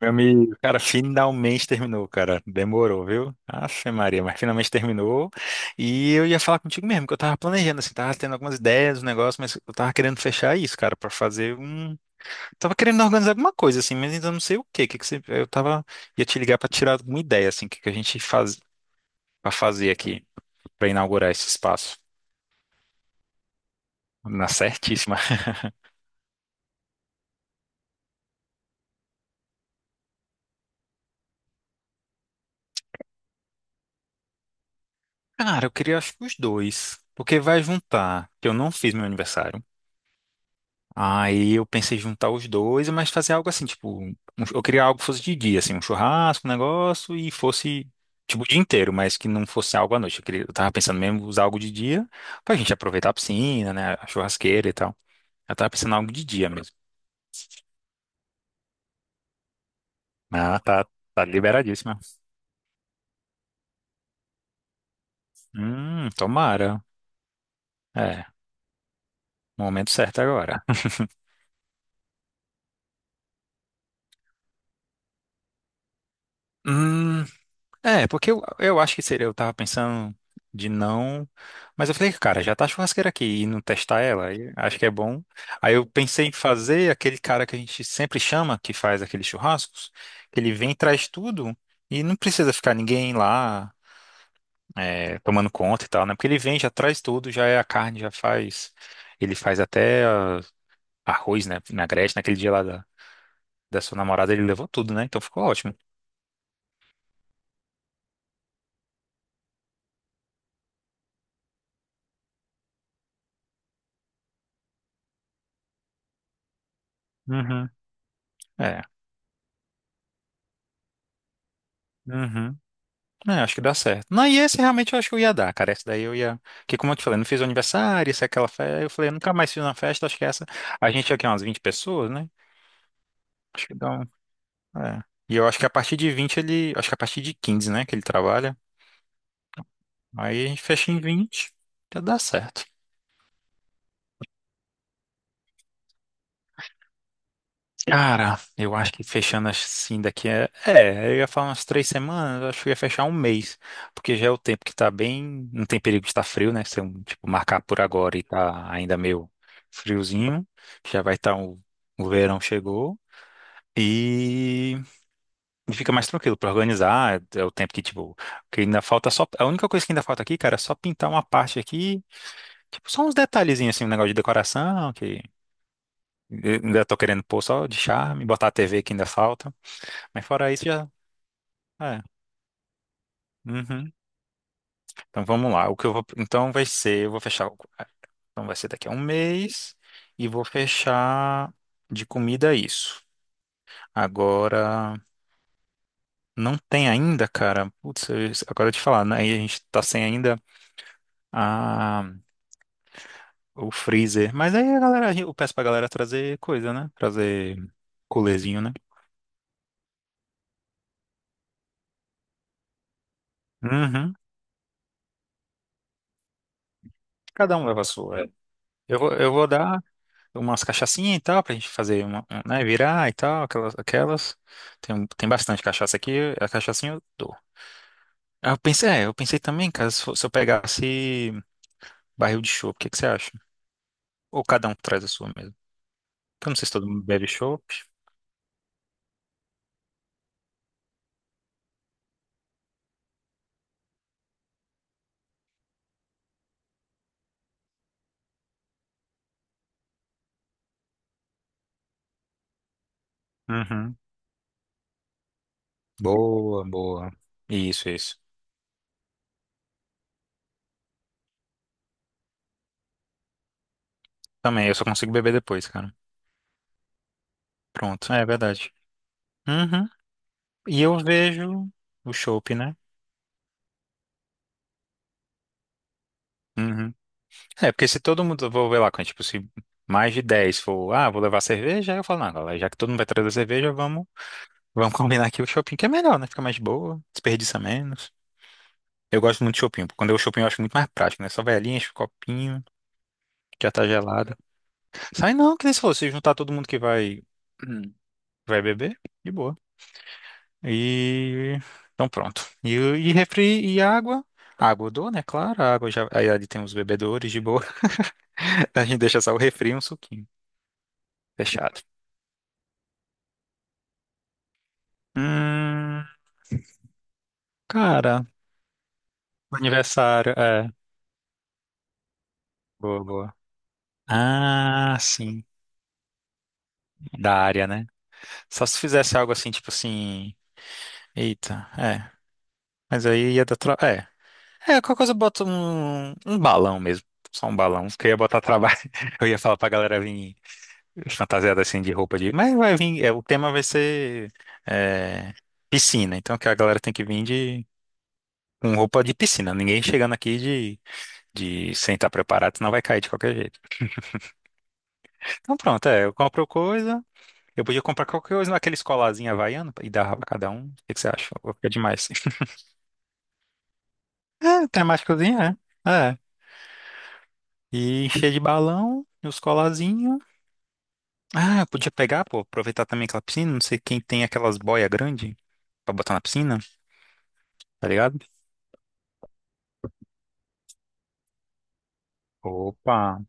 Meu amigo, cara, finalmente terminou, cara. Demorou, viu? Afe Maria, mas finalmente terminou. E eu ia falar contigo mesmo, que eu tava planejando, assim, tava tendo algumas ideias, um negócio, mas eu tava querendo fechar isso, cara, pra fazer um. Tava querendo organizar alguma coisa, assim, mas ainda não sei o quê. Que você... Eu tava. Ia te ligar pra tirar alguma ideia, assim, o que que a gente faz pra fazer aqui, pra inaugurar esse espaço. Na certíssima. Cara, eu queria, acho que os dois. Porque vai juntar que eu não fiz meu aniversário. Aí eu pensei em juntar os dois, mas fazer algo assim, tipo, eu queria algo que fosse de dia, assim, um churrasco, um negócio, e fosse, tipo, o dia inteiro, mas que não fosse algo à noite. Eu queria, eu tava pensando mesmo em usar algo de dia pra gente aproveitar a piscina, né, a churrasqueira e tal. Eu tava pensando em algo de dia mesmo. Ah, tá, tá liberadíssima. Tomara. É, momento certo agora. Hum, porque eu acho que seria, eu tava pensando de não, mas eu falei, cara, já tá a churrasqueira aqui e não testar ela, aí acho que é bom. Aí eu pensei em fazer aquele cara que a gente sempre chama, que faz aqueles churrascos, que ele vem e traz tudo e não precisa ficar ninguém lá tomando conta e tal, né? Porque ele vem, já traz tudo, já é a carne, já faz, ele faz até arroz, né? Vinagrete, naquele dia lá da sua namorada, ele levou tudo, né? Então ficou ótimo. Uhum. É. Uhum. É, acho que dá certo. Não, e esse realmente eu acho que eu ia dar, cara. Esse daí eu ia. Que como eu te falei, não fiz o aniversário, isso é aquela festa. Eu falei, eu nunca mais fiz uma festa, acho que essa. A gente tinha aqui é umas 20 pessoas, né? Acho que dá um. É. E eu acho que a partir de 20 ele. Acho que a partir de 15 né? Que ele trabalha. Aí a gente fecha em 20 já dá certo. Cara, eu acho que fechando assim daqui é. É, eu ia falar umas 3 semanas, eu acho que eu ia fechar um mês. Porque já é o tempo que tá bem. Não tem perigo de estar frio, né? Se eu, tipo, marcar por agora e tá ainda meio friozinho, já vai estar o verão chegou. E, e fica mais tranquilo pra organizar. É o tempo que, tipo, que ainda falta só. A única coisa que ainda falta aqui, cara, é só pintar uma parte aqui. Tipo, só uns detalhezinhos assim, um negócio de decoração, que eu ainda tô querendo pôr só de charme, botar a TV que ainda falta. Mas fora isso, já. É. Uhum. Então vamos lá. O que eu vou. Então vai ser. Eu vou fechar. Então vai ser daqui a um mês. E vou fechar de comida isso. Agora. Não tem ainda, cara. Putz, agora eu te falar, né? Aí A gente tá sem ainda a, o freezer. Mas aí a galera, eu peço pra galera trazer coisa, né? Trazer coolerzinho, né? Uhum. Cada um leva a sua. Eu vou dar. Umas cachaçinhas e tal, pra gente fazer um, né, virar e tal, aquelas. Tem bastante cachaça aqui, a cachaçinha eu dou. Ah, Eu pensei também, cara, se eu pegasse barril de chopp, o que que você acha? Ou cada um traz a sua mesmo? Porque eu não sei se todo mundo bebe chopp. Uhum. Boa, boa. Isso, isso. Também, eu só consigo beber depois, cara. Pronto, é verdade. Uhum. E eu vejo o chopp, né? Uhum. É, porque se todo mundo, vou ver lá, quando, tipo, se mais de 10 for, ah, vou levar cerveja, aí eu falo, não, galera, já que todo mundo vai trazer cerveja, vamos combinar aqui o shopping, que é melhor, né? Fica mais de boa, desperdiça menos. Eu gosto muito de shopping, porque quando eu shopping eu acho muito mais prático, né? Só vai ali, enche o copinho, já tá gelada. Sai não, que nem se fosse, se juntar todo mundo que vai, hum, vai beber, de boa. E, então pronto. E refri e água. Água eu dou, né? Claro, a água já, aí ali tem os bebedores de boa. A gente deixa só o refri e um suquinho. Fechado. Hum, cara, aniversário, é, boa, boa. Ah, sim, da área, né? Só se fizesse algo assim, tipo assim, eita, mas aí ia dar é. É, qualquer coisa eu boto um balão mesmo, só um balão, porque eu ia botar trabalho, eu ia falar pra galera vir fantasiada assim de roupa de, mas vai vir, é, o tema vai ser é, piscina, então que a galera tem que vir de com roupa de piscina, ninguém chegando aqui de sem estar preparado, senão vai cair de qualquer jeito. Então pronto, eu compro coisa. Eu podia comprar qualquer coisa naquele colazinho havaiano e dar pra cada um. O que que você acha? Ou ficar demais. É, temáticozinho, é. É. E encher de balão, e os colazinhos. Ah, eu podia pegar, pô, aproveitar também aquela piscina. Não sei quem tem aquelas boias grandes pra botar na piscina, tá ligado? Opa!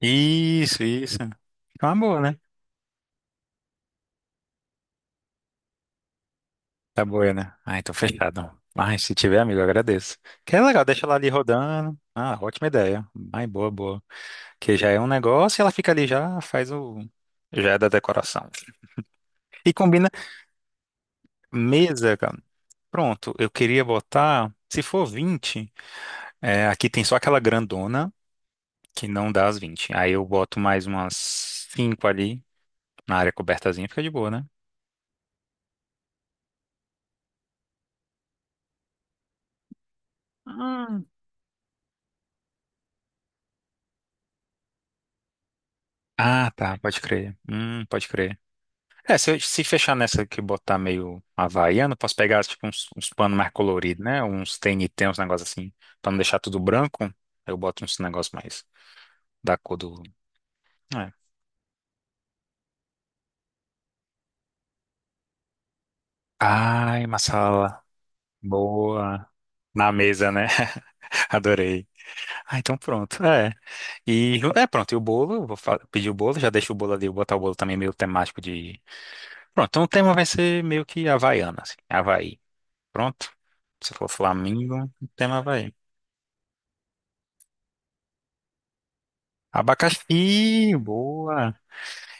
Isso, isso. Fica uma boa, né? Tá boa, né? Ah, então fechado. Mas se tiver, amigo, eu agradeço. Que é legal, deixa ela ali rodando. Ah, ótima ideia. Ai, boa, boa. Que já é um negócio e ela fica ali, já faz o. Já é da decoração. E combina mesa, cara. Pronto, eu queria botar. Se for 20 é, aqui tem só aquela grandona que não dá as 20. Aí eu boto mais umas 5 ali na área cobertazinha, fica de boa, né? Hum. Ah, tá, pode crer. Pode crer. É, se fechar nessa que botar meio havaiano, posso pegar tipo uns panos mais coloridos, né? Uns TNT, uns negócios assim. Pra não deixar tudo branco, eu boto uns negócios mais. Da cor do. É. Ai, uma sala boa. Na mesa, né? Adorei. Ah, então pronto. É. E é pronto. E o bolo, eu vou pedir o bolo, já deixo o bolo ali, vou botar o bolo também meio temático de. Pronto, então o tema vai ser meio que Havaiana, assim. Havaí. Pronto. Se for Flamengo, o tema é Havaí. Abacaxi, boa.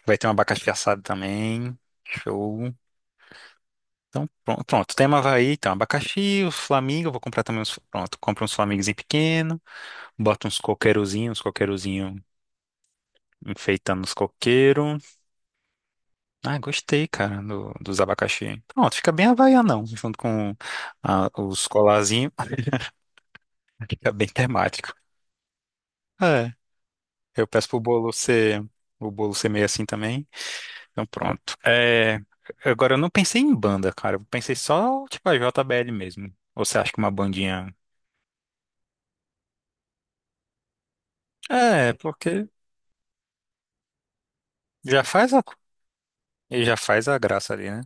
Vai ter um abacaxi assado também. Show. Então, pronto, pronto. Tema é Havaí, então, abacaxi, os flamingos, eu vou comprar também uns, pronto, compro uns flamingos em pequeno. Bota uns coqueirozinhos, uns coqueirozinho enfeitando os coqueiros. Ah, gostei, cara, dos abacaxi. Pronto, fica bem havaianão, junto com ah, os colarzinhos, fica bem temático. É, eu peço pro bolo ser, o bolo ser meio assim também. Então pronto. É, agora eu não pensei em banda, cara, eu pensei só, tipo, a JBL mesmo. Ou você acha que uma bandinha... É, porque já faz a, e já faz a graça ali, né?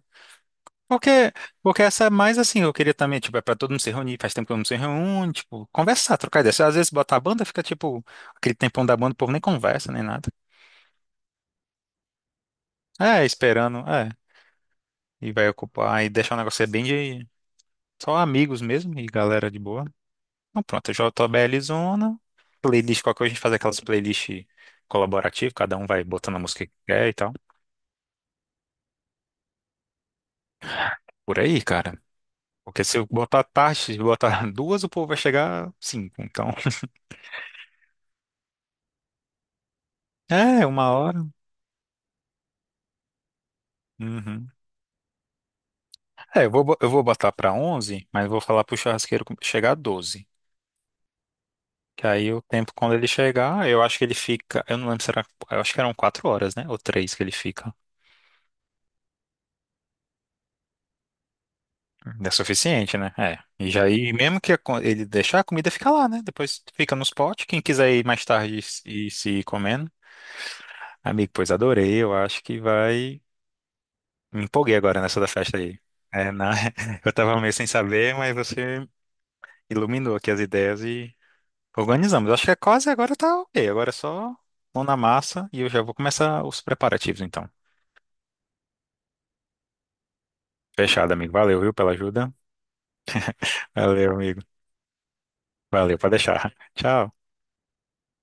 Porque, porque essa é mais assim, eu queria também, tipo, é pra todo mundo se reunir, faz tempo que eu não se reúne, tipo, conversar, trocar ideia. Às vezes botar a banda, fica tipo, aquele tempão da banda, o povo nem conversa, nem nada. É, esperando, é, e vai ocupar, e deixar o negócio ser bem de só amigos mesmo, e galera de boa. Então pronto, JBL Zona, playlist, qualquer coisa a gente faz aquelas playlists colaborativas, cada um vai botando a música que quer e tal. Por aí, cara. Porque se eu botar tarde, se eu botar duas, o povo vai chegar cinco, então. É, uma hora. Uhum. É, eu vou botar para 11, mas vou falar pro churrasqueiro chegar a 12. Que aí o tempo, quando ele chegar, eu acho que ele fica. Eu não lembro, será. Eu acho que eram 4 horas, né? Ou três que ele fica. É suficiente, né? É. E já aí, mesmo que a ele deixar, a comida fica lá, né? Depois fica nos potes. Quem quiser ir mais tarde e se ir comendo. Amigo, pois adorei. Eu acho que vai. Me empolguei agora nessa da festa aí. É, na... Eu tava meio sem saber, mas você iluminou aqui as ideias Organizamos. Acho que é quase agora tá ok. Agora é só mão na massa e eu já vou começar os preparativos então. Fechado, amigo. Valeu, viu, pela ajuda. Valeu, amigo. Valeu, pode deixar. Tchau.